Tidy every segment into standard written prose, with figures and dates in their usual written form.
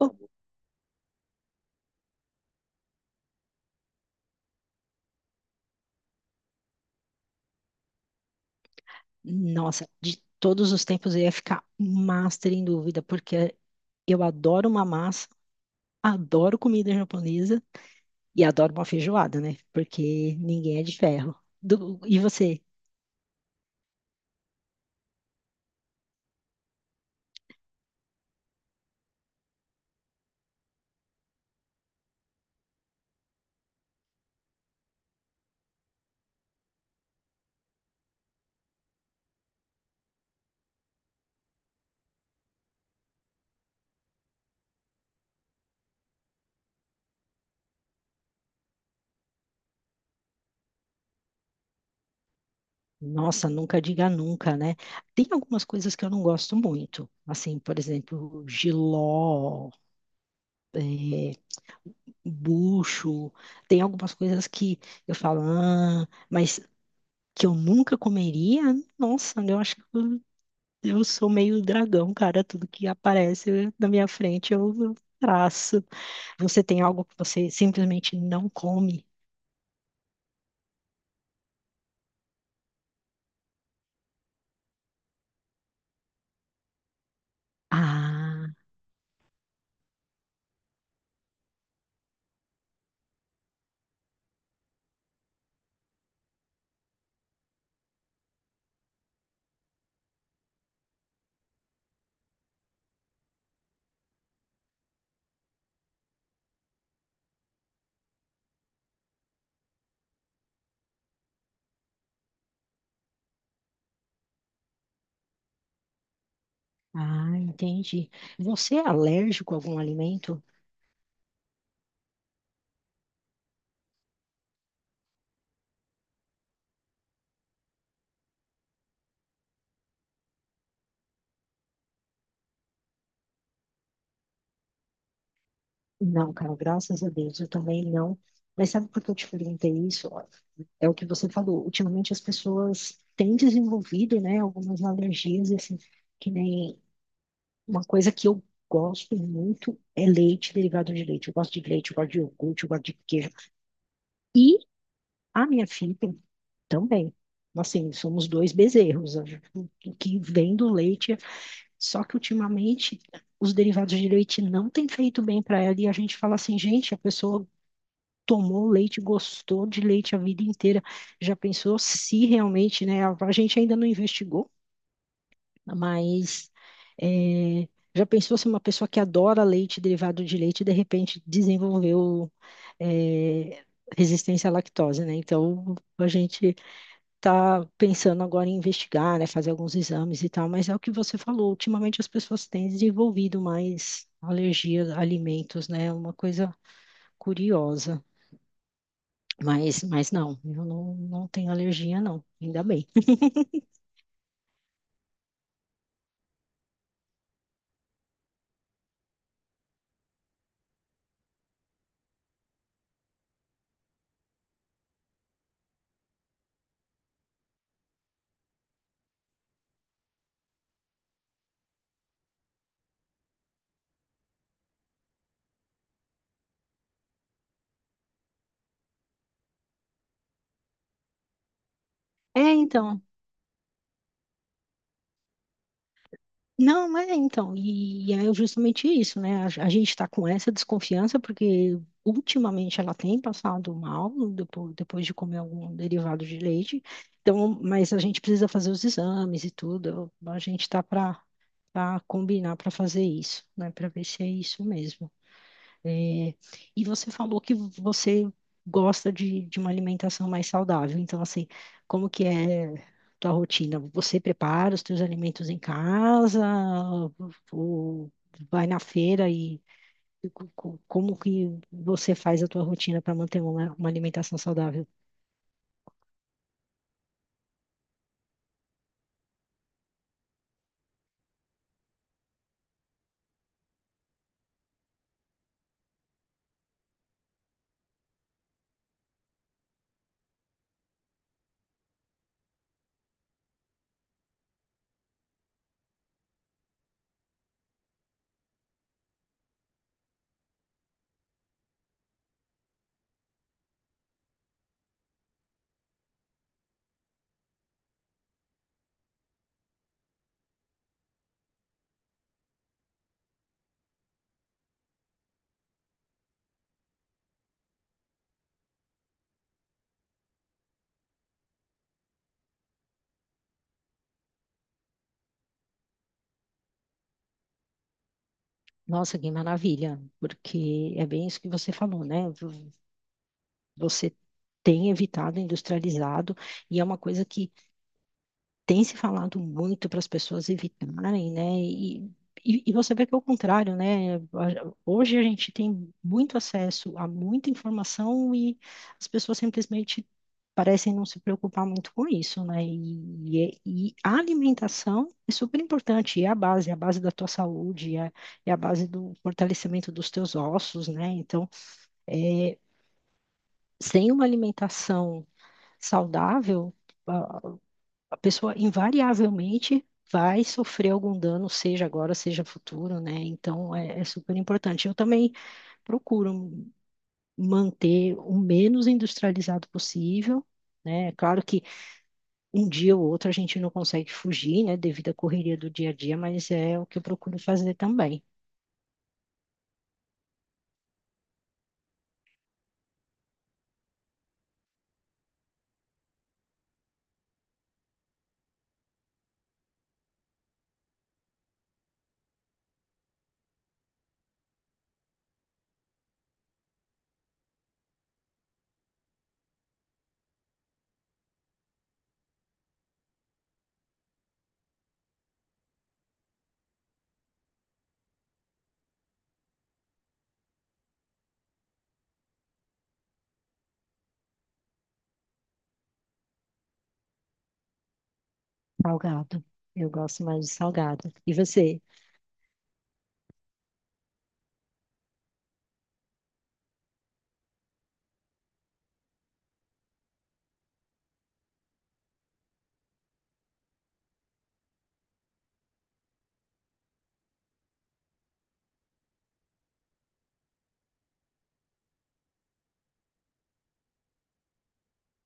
Oh, nossa, de todos os tempos eu ia ficar master em dúvida, porque eu adoro uma massa, adoro comida japonesa e adoro uma feijoada, né? Porque ninguém é de ferro. E você? Nossa, nunca diga nunca, né? Tem algumas coisas que eu não gosto muito, assim, por exemplo, jiló, é, bucho, tem algumas coisas que eu falo, ah, mas que eu nunca comeria, nossa, eu acho que eu sou meio dragão, cara. Tudo que aparece na minha frente eu traço. Você tem algo que você simplesmente não come? Ah, ah, entendi. Você é alérgico a algum alimento? Não, cara, graças a Deus, eu também não. Mas sabe por que eu te perguntei isso? Ó, é o que você falou. Ultimamente as pessoas têm desenvolvido, né, algumas alergias, assim, que nem uma coisa que eu gosto muito é leite, derivado de leite. Eu gosto de leite, eu gosto de iogurte, eu gosto de queijo, e a minha filha também. Assim, somos dois bezerros. O que vem do leite, só que ultimamente os derivados de leite não têm feito bem para ela. E a gente fala assim, gente, a pessoa tomou leite, gostou de leite a vida inteira. Já pensou se realmente, né? A gente ainda não investigou, mas é, já pensou se uma pessoa que adora leite, derivado de leite, de repente desenvolveu, é, resistência à lactose, né? Então a gente tá pensando agora em investigar, né, fazer alguns exames e tal, mas é o que você falou, ultimamente as pessoas têm desenvolvido mais alergia a alimentos, né? É uma coisa curiosa. Mas não, eu não, não tenho alergia, não, ainda bem. É, então. Não, mas é, então. E é justamente isso, né? A gente está com essa desconfiança porque ultimamente ela tem passado mal depois de comer algum derivado de leite. Então, mas a gente precisa fazer os exames e tudo. A gente está para combinar para fazer isso, né? Para ver se é isso mesmo. É, e você falou que você de uma alimentação mais saudável. Então, assim, como que é tua rotina? Você prepara os teus alimentos em casa ou vai na feira e como que você faz a tua rotina para manter uma alimentação saudável? Nossa, que maravilha, porque é bem isso que você falou, né? Você tem evitado industrializado e é uma coisa que tem se falado muito para as pessoas evitarem, né? E você vê que é o contrário, né? Hoje a gente tem muito acesso a muita informação e as pessoas simplesmente parecem não se preocupar muito com isso, né? E a alimentação é super importante, é a base da tua saúde, é, é a base do fortalecimento dos teus ossos, né? Então, é, sem uma alimentação saudável, a a pessoa invariavelmente vai sofrer algum dano, seja agora, seja futuro, né? Então é, é super importante. Eu também procuro manter o menos industrializado possível. Né? É claro que um dia ou outro a gente não consegue fugir, né, devido à correria do dia a dia, mas é o que eu procuro fazer também. Salgado. Eu gosto mais de salgado. E você?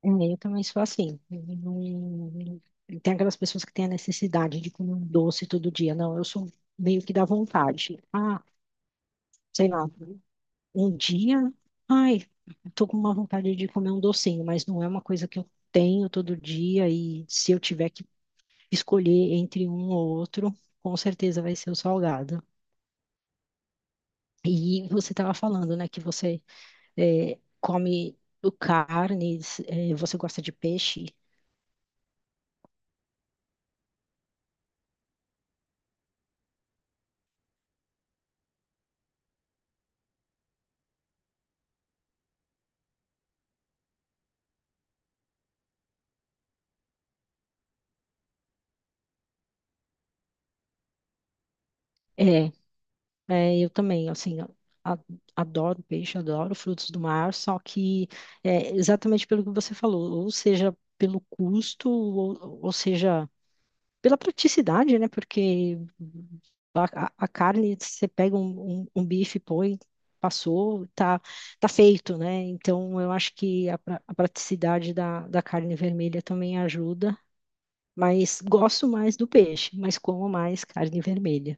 É, eu também sou assim. Eu não- Tem aquelas pessoas que têm a necessidade de comer um doce todo dia. Não, eu sou meio que da vontade. Ah, sei lá, um dia, ai, tô com uma vontade de comer um docinho, mas não é uma coisa que eu tenho todo dia. E se eu tiver que escolher entre um ou outro, com certeza vai ser o salgado. E você estava falando, né, que você come carnes, você gosta de peixe. É, É, eu também, assim, a- adoro peixe, adoro frutos do mar, só que exatamente pelo que você falou, ou seja, pelo custo, ou seja, pela praticidade, né? Porque a carne, você pega um bife, põe, passou, tá feito, né? Então, eu acho que a praticidade da carne vermelha também ajuda, mas gosto mais do peixe, mas como mais carne vermelha.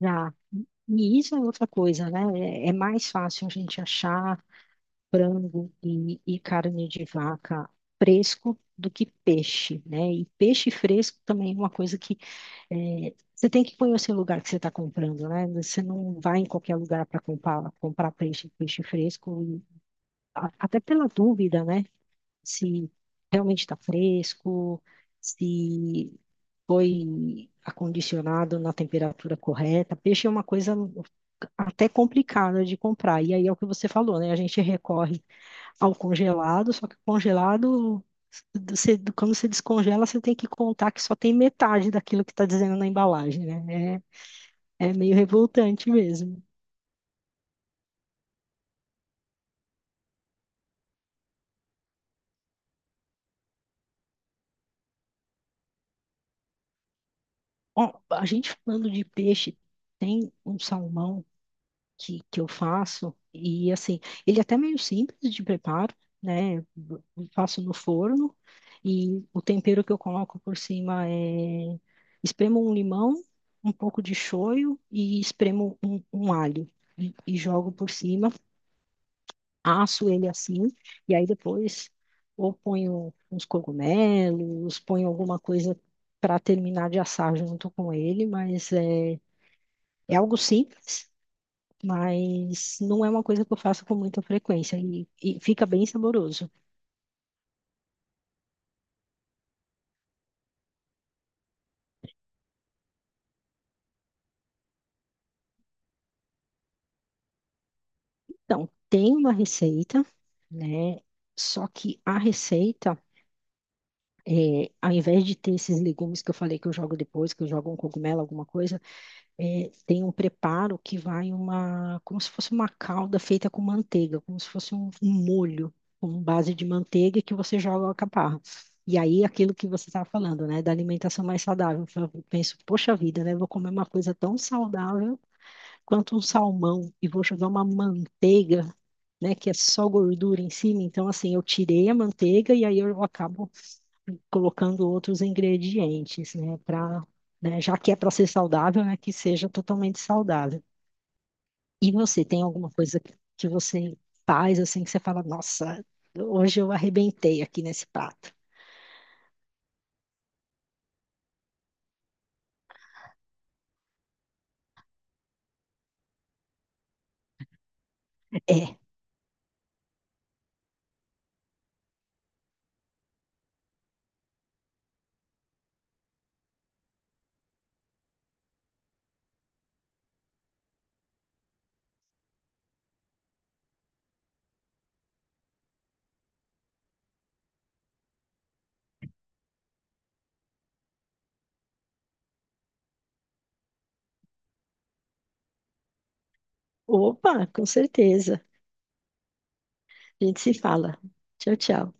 Já. E isso é outra coisa, né? É, é mais fácil a gente achar frango e carne de vaca fresco do que peixe, né? E peixe fresco também é uma coisa que você tem que conhecer o lugar que você está comprando, né? Você não vai em qualquer lugar para comprar peixe, peixe fresco, e até pela dúvida, né? Se realmente está fresco, se foi acondicionado na temperatura correta. Peixe é uma coisa até complicada de comprar. E aí é o que você falou, né? A gente recorre ao congelado, só que o congelado, quando você descongela, você tem que contar que só tem metade daquilo que está dizendo na embalagem, né? É, é meio revoltante mesmo. Ó, a gente falando de peixe, tem um salmão que eu faço. E assim, ele é até meio simples de preparo, né? Eu faço no forno e o tempero que eu coloco por cima é: espremo um limão, um pouco de shoyu e espremo um alho e jogo por cima, asso ele assim e aí depois ou ponho uns cogumelos, ponho alguma coisa para terminar de assar junto com ele, mas é algo simples, mas não é uma coisa que eu faço com muita frequência e fica bem saboroso. Então, tem uma receita, né? Só que a receita, ao invés de ter esses legumes que eu falei que eu jogo depois, que eu jogo um cogumelo, alguma coisa, tem um preparo que vai uma, como se fosse uma calda feita com manteiga, como se fosse um molho com base de manteiga que você joga a caparra. E aí, aquilo que você estava falando, né, da alimentação mais saudável, então, eu penso, poxa vida, né, vou comer uma coisa tão saudável quanto um salmão e vou jogar uma manteiga, né, que é só gordura em cima. Então, assim, eu tirei a manteiga e aí eu acabo colocando outros ingredientes, né? Pra, né, já que é para ser saudável, né? Que seja totalmente saudável. E você tem alguma coisa que você faz assim que você fala, nossa, hoje eu arrebentei aqui nesse prato? É. Opa, com certeza. A gente se fala. Tchau, tchau.